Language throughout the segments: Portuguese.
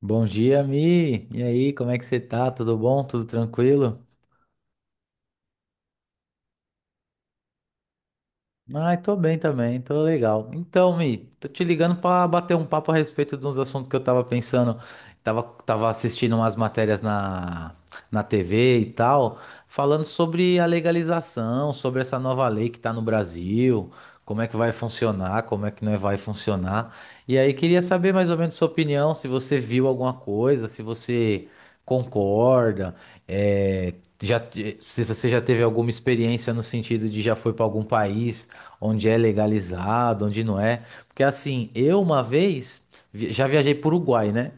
Bom dia, Mi. E aí, como é que você tá? Tudo bom? Tudo tranquilo? Ai, tô bem também, tô legal. Então, Mi, tô te ligando pra bater um papo a respeito de uns assuntos que eu tava pensando. Tava assistindo umas matérias na TV e tal, falando sobre a legalização, sobre essa nova lei que tá no Brasil, como é que vai funcionar, como é que não é, vai funcionar. E aí, queria saber mais ou menos sua opinião, se você viu alguma coisa, se você concorda, é, já, se você já teve alguma experiência no sentido de já foi pra algum país onde é legalizado, onde não é. Porque assim, eu uma vez já viajei para o Uruguai, né?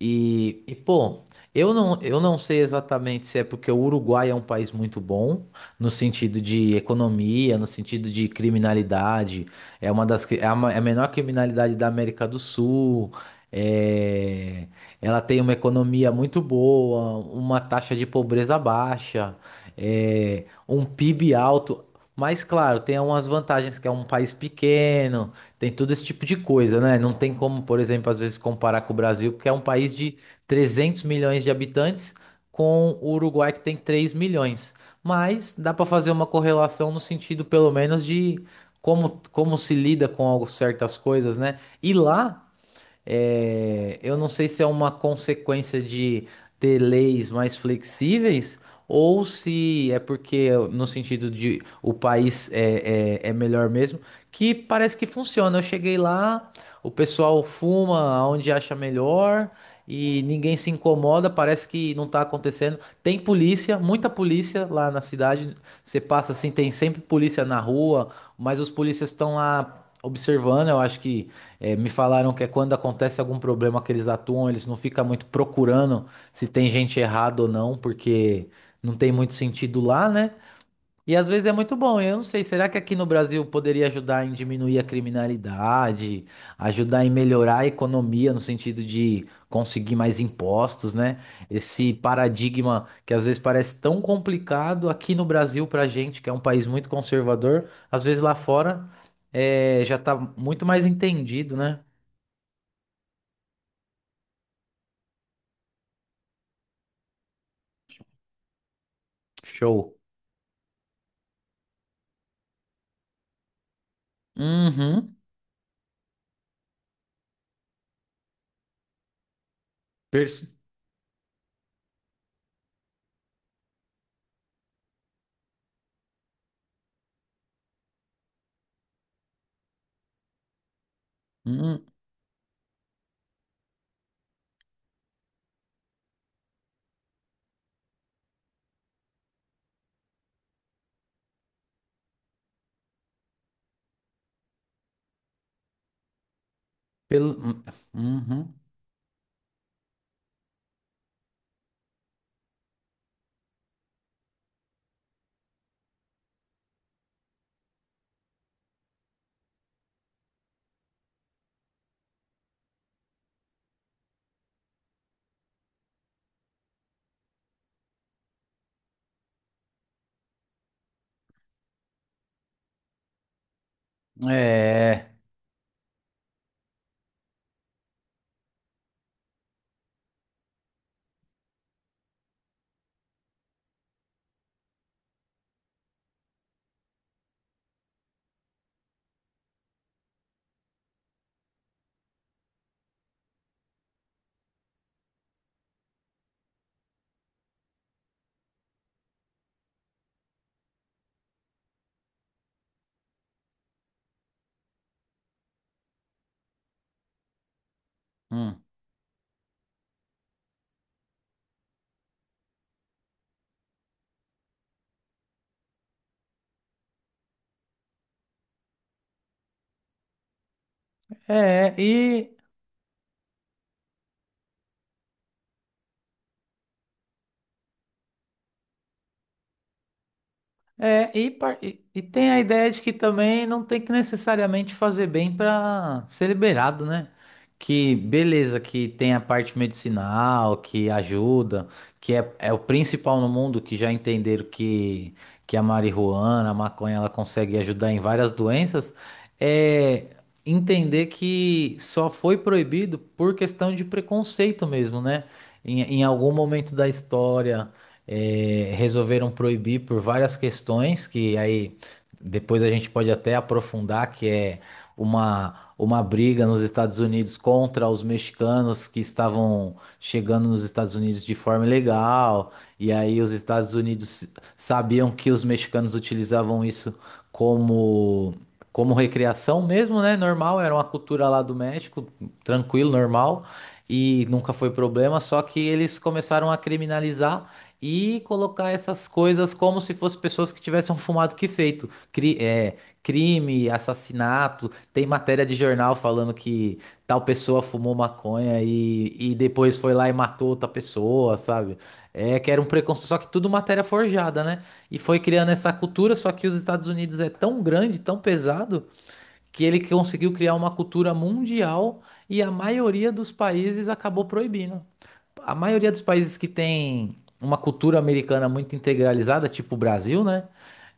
E pô, eu não sei exatamente se é porque o Uruguai é um país muito bom, no sentido de economia, no sentido de criminalidade, é uma das, cri- é a, ma- é a menor criminalidade da América do Sul. É, ela tem uma economia muito boa, uma taxa de pobreza baixa, é, um PIB alto. Mas claro, tem algumas vantagens que é um país pequeno, tem todo esse tipo de coisa, né? Não tem como, por exemplo, às vezes comparar com o Brasil, porque é um país de 300 milhões de habitantes, com o Uruguai que tem 3 milhões. Mas dá para fazer uma correlação no sentido, pelo menos, de como se lida com certas coisas, né? E lá é, eu não sei se é uma consequência de ter leis mais flexíveis ou se é porque, no sentido de o país é melhor mesmo, que parece que funciona. Eu cheguei lá, o pessoal fuma onde acha melhor e ninguém se incomoda, parece que não tá acontecendo. Tem polícia, muita polícia lá na cidade. Você passa assim, tem sempre polícia na rua, mas os polícias estão lá observando. Eu acho que. É, me falaram que é quando acontece algum problema que eles atuam, eles não ficam muito procurando se tem gente errada ou não, porque não tem muito sentido lá, né? E às vezes é muito bom. Eu não sei, será que aqui no Brasil poderia ajudar em diminuir a criminalidade, ajudar em melhorar a economia no sentido de conseguir mais impostos, né? Esse paradigma que às vezes parece tão complicado aqui no Brasil pra gente, que é um país muito conservador, às vezes lá fora é, já tá muito mais entendido, né? Show. Uhum. Pers- Uhum. pelo... hum, Uhum. É. Hum. É, e e tem a ideia de que também não tem que necessariamente fazer bem para ser liberado, né? Que beleza, que tem a parte medicinal, que ajuda, que é o principal no mundo, que já entenderam que a marihuana, a maconha, ela consegue ajudar em várias doenças, é entender que só foi proibido por questão de preconceito mesmo, né? Em algum momento da história resolveram proibir por várias questões, que aí depois a gente pode até aprofundar, que é uma briga nos Estados Unidos contra os mexicanos que estavam chegando nos Estados Unidos de forma ilegal, e aí os Estados Unidos sabiam que os mexicanos utilizavam isso como como recreação mesmo, né? Normal, era uma cultura lá do México, tranquilo, normal, e nunca foi problema, só que eles começaram a criminalizar e colocar essas coisas como se fossem pessoas que tivessem um fumado que feito. Crime, assassinato. Tem matéria de jornal falando que tal pessoa fumou maconha e depois foi lá e matou outra pessoa, sabe? É que era um preconceito. Só que tudo matéria forjada, né? E foi criando essa cultura. Só que os Estados Unidos é tão grande, tão pesado, que ele conseguiu criar uma cultura mundial e a maioria dos países acabou proibindo. A maioria dos países que tem uma cultura americana muito integralizada, tipo o Brasil, né?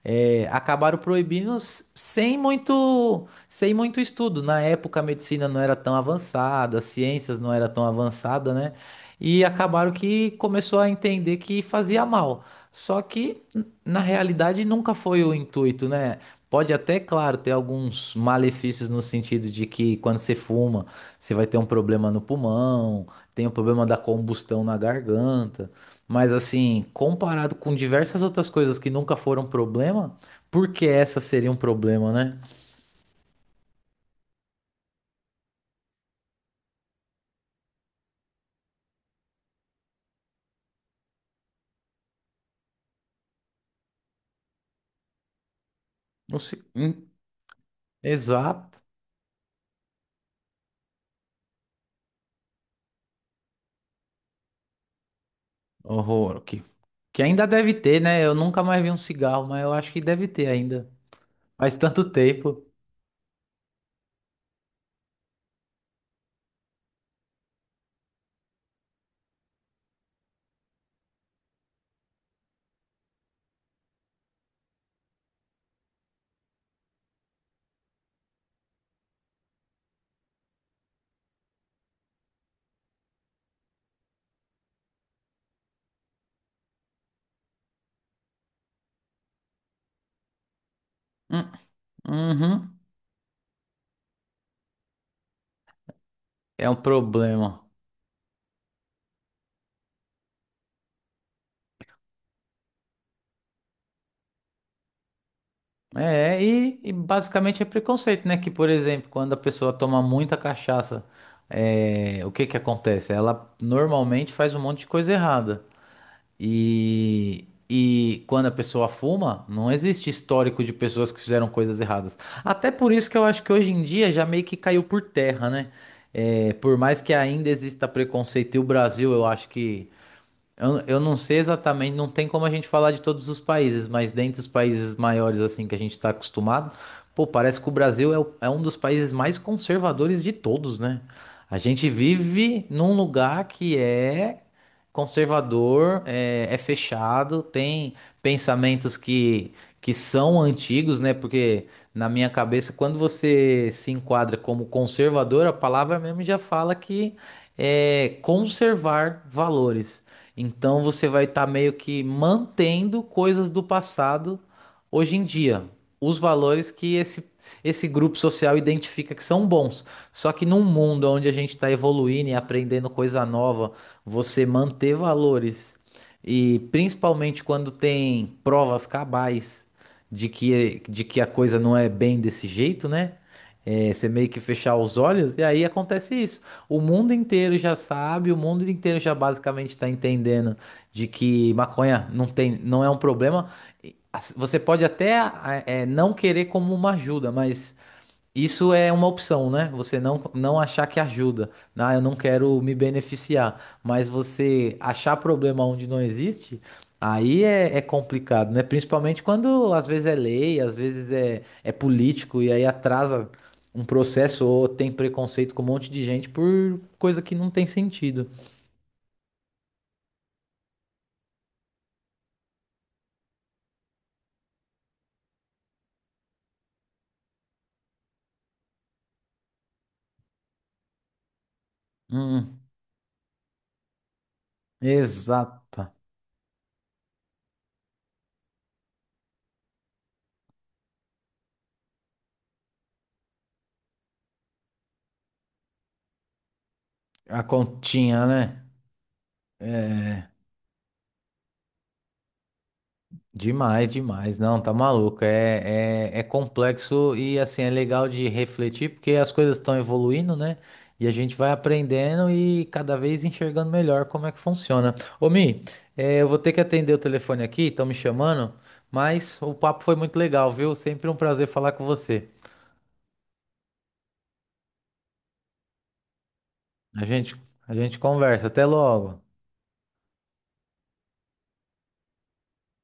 É, acabaram proibindo sem muito estudo. Na época, a medicina não era tão avançada, as ciências não era tão avançada, né? E acabaram que começou a entender que fazia mal. Só que, na realidade, nunca foi o intuito, né? Pode até, claro, ter alguns malefícios no sentido de que quando você fuma você vai ter um problema no pulmão, tem o problema da combustão na garganta. Mas assim, comparado com diversas outras coisas que nunca foram problema, por que essa seria um problema, né? Não sei. Exato. Horror. Que ainda deve ter, né? Eu nunca mais vi um cigarro, mas eu acho que deve ter ainda. Faz tanto tempo. Hum, uhum. É um problema. E basicamente é preconceito, né? Que, por exemplo, quando a pessoa toma muita cachaça, o que que acontece? Ela normalmente faz um monte de coisa errada. E quando a pessoa fuma, não existe histórico de pessoas que fizeram coisas erradas. Até por isso que eu acho que hoje em dia já meio que caiu por terra, né? É, por mais que ainda exista preconceito, e o Brasil, eu acho que eu não sei exatamente, não tem como a gente falar de todos os países, mas dentre os países maiores assim que a gente está acostumado, pô, parece que o Brasil é um dos países mais conservadores de todos, né? A gente vive num lugar que é conservador, é fechado, tem pensamentos que são antigos, né? Porque na minha cabeça, quando você se enquadra como conservador, a palavra mesmo já fala que é conservar valores. Então você vai estar meio que mantendo coisas do passado hoje em dia, os valores que esse grupo social identifica que são bons. Só que num mundo onde a gente está evoluindo e aprendendo coisa nova, você manter valores e principalmente quando tem provas cabais de que a coisa não é bem desse jeito, né? É, você meio que fechar os olhos e aí acontece isso. O mundo inteiro já sabe, o mundo inteiro já basicamente está entendendo de que maconha não tem, não é um problema. E, assim, você pode até não querer como uma ajuda, mas isso é uma opção, né? Você não achar que ajuda. Ah, eu não quero me beneficiar. Mas você achar problema onde não existe, aí é complicado, né? Principalmente quando às vezes é lei, às vezes é político, e aí atrasa um processo ou tem preconceito com um monte de gente por coisa que não tem sentido. Hum, exata. A continha, né? É. Demais, demais. Não, tá maluco. É complexo e assim é legal de refletir porque as coisas estão evoluindo, né? E a gente vai aprendendo e cada vez enxergando melhor como é que funciona. Ô, Mi, eu vou ter que atender o telefone aqui, estão me chamando, mas o papo foi muito legal, viu? Sempre um prazer falar com você. A gente, a gente conversa. Até logo.